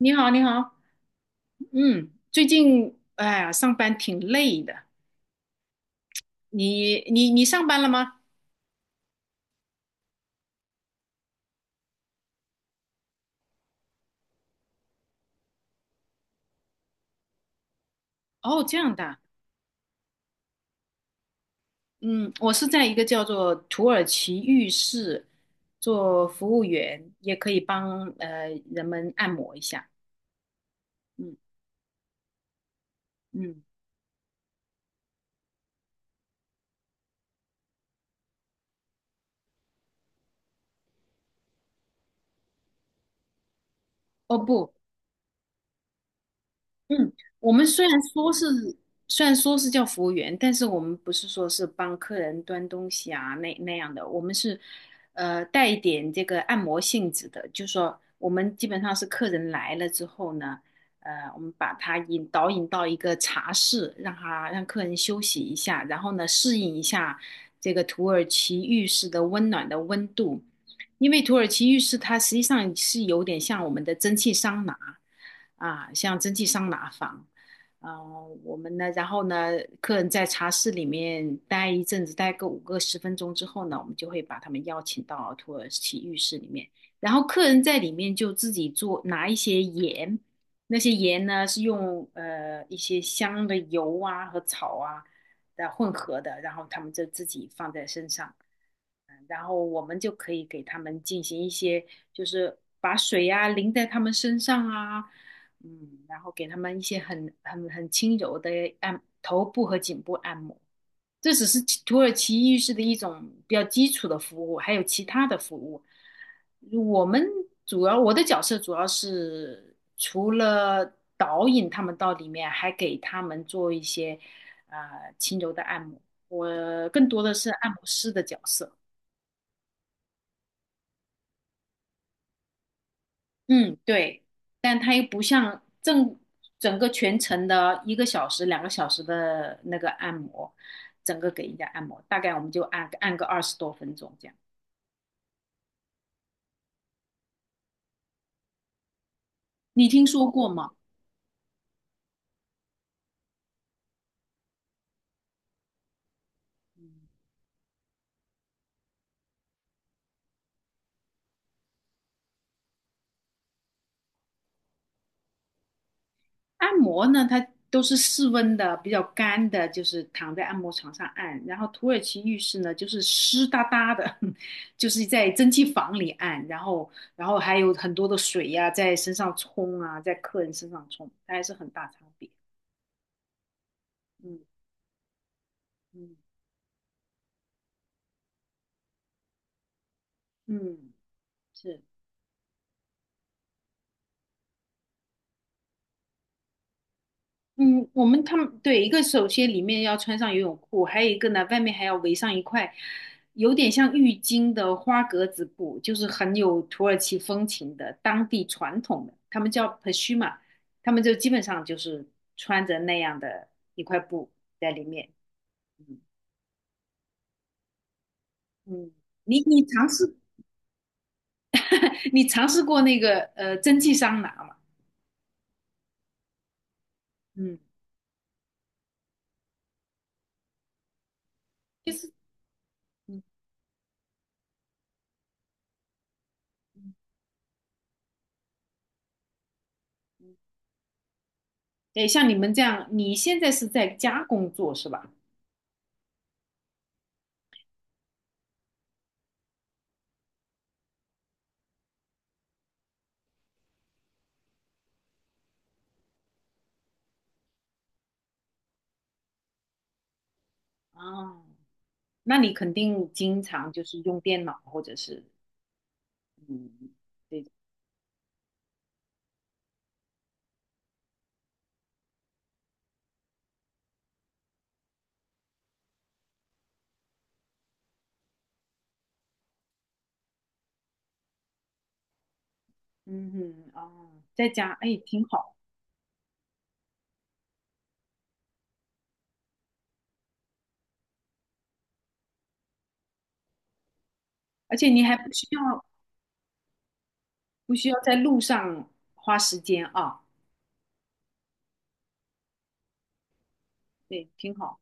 你好，你好，嗯，最近哎呀，上班挺累的。你上班了吗？哦，这样的，嗯，我是在一个叫做土耳其浴室做服务员，也可以帮人们按摩一下。嗯嗯，哦不，嗯，我们虽然说是叫服务员，但是我们不是说是帮客人端东西啊那样的，我们是带一点这个按摩性质的，就是说我们基本上是客人来了之后呢，我们把他引到一个茶室，让客人休息一下，然后呢适应一下这个土耳其浴室的温暖的温度，因为土耳其浴室它实际上是有点像我们的蒸汽桑拿。啊，像蒸汽桑拿房，啊，我们呢，然后呢，客人在茶室里面待一阵子，待个五个十分钟之后呢，我们就会把他们邀请到土耳其浴室里面，然后客人在里面就自己做，拿一些盐，那些盐呢是用一些香的油啊和草啊的混合的，然后他们就自己放在身上。然后我们就可以给他们进行一些，就是把水呀、淋在他们身上啊，嗯，然后给他们一些很轻柔的按头部和颈部按摩。这只是其土耳其浴室的一种比较基础的服务，还有其他的服务。我们我的角色主要是除了导引他们到里面，还给他们做一些呃轻柔的按摩。我更多的是按摩师的角色。嗯，对，但它又不像整个全程的1个小时、2个小时的那个按摩，整个给人家按摩，大概我们就按个二十多分钟这样。你听说过吗？按摩呢，它都是室温的，比较干的，就是躺在按摩床上按。然后土耳其浴室呢，就是湿哒哒的，就是在蒸汽房里按，然后还有很多的水呀、在身上冲啊，在客人身上冲，它还是很大差别。嗯嗯。嗯，是，嗯，我们他们对一个首先里面要穿上游泳裤，还有一个呢，外面还要围上一块有点像浴巾的花格子布，就是很有土耳其风情的当地传统的，他们叫 pashma，他们就基本上就是穿着那样的一块布在里面。嗯嗯，你尝试 你尝试过那个蒸汽桑拿吗？嗯，就是嗯，对，像你们这样，你现在是在家工作是吧？哦，那你肯定经常就是用电脑或者是嗯，对的，嗯哼，哦，在家，哎，挺好，而且你还不需要在路上花时间啊，对，挺好，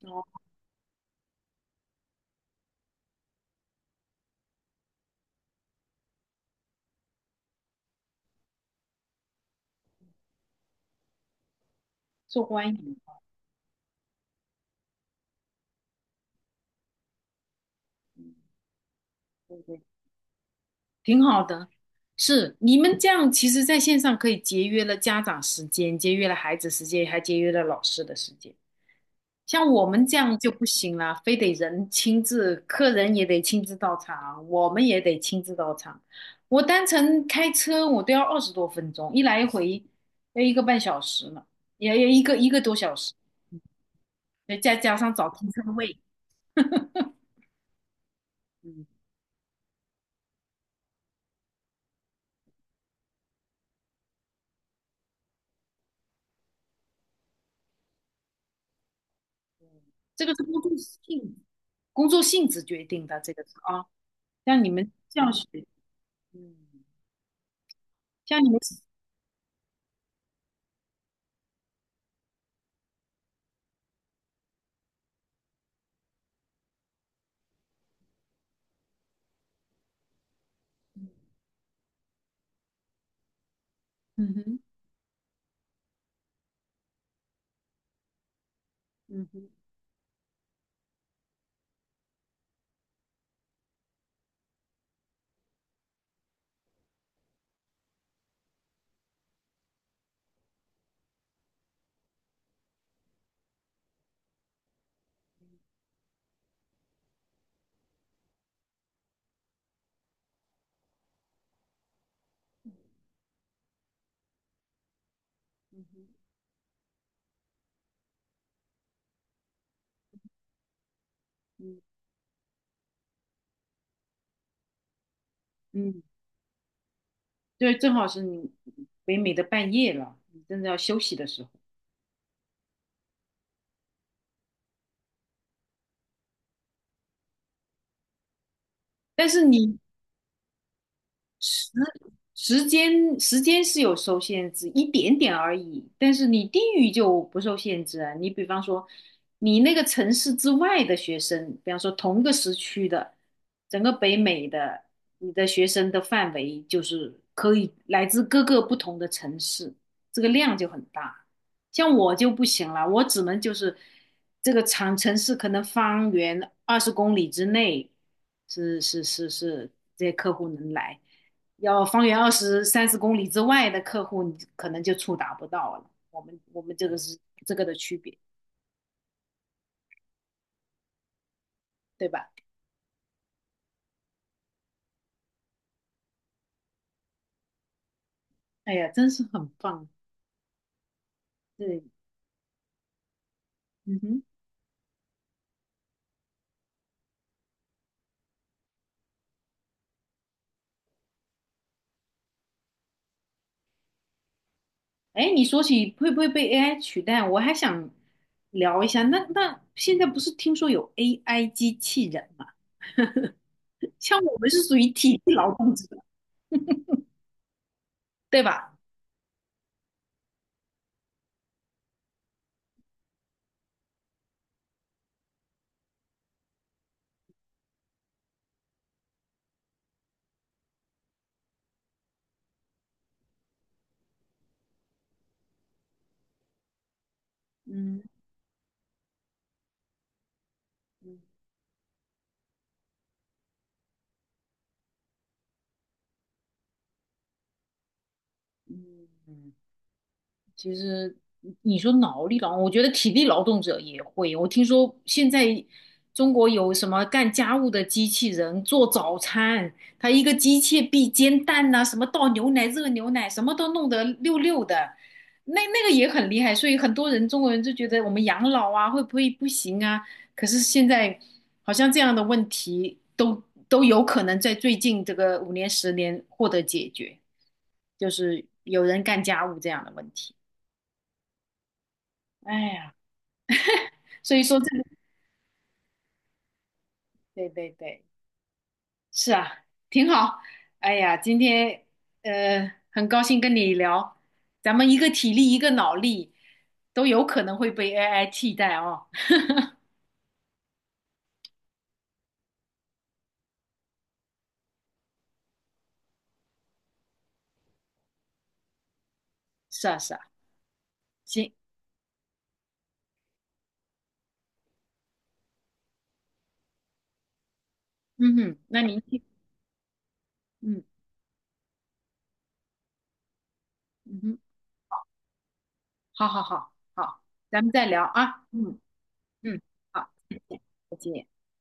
哦，受欢迎，嗯，对对，挺好的。是，你们这样其实在线上可以节约了家长时间，节约了孩子时间，还节约了老师的时间。像我们这样就不行了，非得人亲自，客人也得亲自到场，我们也得亲自到场。我单程开车我都要二十多分钟，一来一回要1个半小时呢，也要1个多小时，再加上找停车位，嗯，这个是工作性质决定的，这个是啊，像你们教学，嗯，像你们，嗯哼，嗯哼，嗯哼，嗯嗯。嗯对，正好是你北美的半夜了，你真的要休息的时候。但是你时时间是有受限制，一点点而已。但是你地域就不受限制啊。你比方说，你那个城市之外的学生，比方说同个时区的，整个北美的，你的学生的范围就是可以来自各个不同的城市，这个量就很大。像我就不行了，我只能就是这个长城市可能方圆20公里之内是这些客户能来。要方圆二十三十公里之外的客户，你可能就触达不到了。我们这个是这个的区别，对吧？哎呀，真是很棒。对，嗯哼。哎，你说起会不会被 AI 取代，我还想聊一下。那现在不是听说有 AI 机器人嘛？像我们是属于体力劳动者，对吧？嗯嗯嗯。其实你说脑力劳动，我觉得体力劳动者也会。我听说现在中国有什么干家务的机器人做早餐，它一个机械臂煎蛋呐、什么倒牛奶、热牛奶，什么都弄得溜溜的，那个也很厉害。所以很多人中国人就觉得我们养老啊会不会不行啊？可是现在好像这样的问题都有可能在最近这个五年十年获得解决，就是有人干家务这样的问题。哎呀，所以说这个，对对对，是啊，挺好。哎呀，今天很高兴跟你聊，咱们一个体力，一个脑力，都有可能会被 AI 替代哦。是啊，是啊，行，嗯哼，那您去，嗯嗯哼，好好好好，咱们再聊啊，嗯嗯，好，再见。再见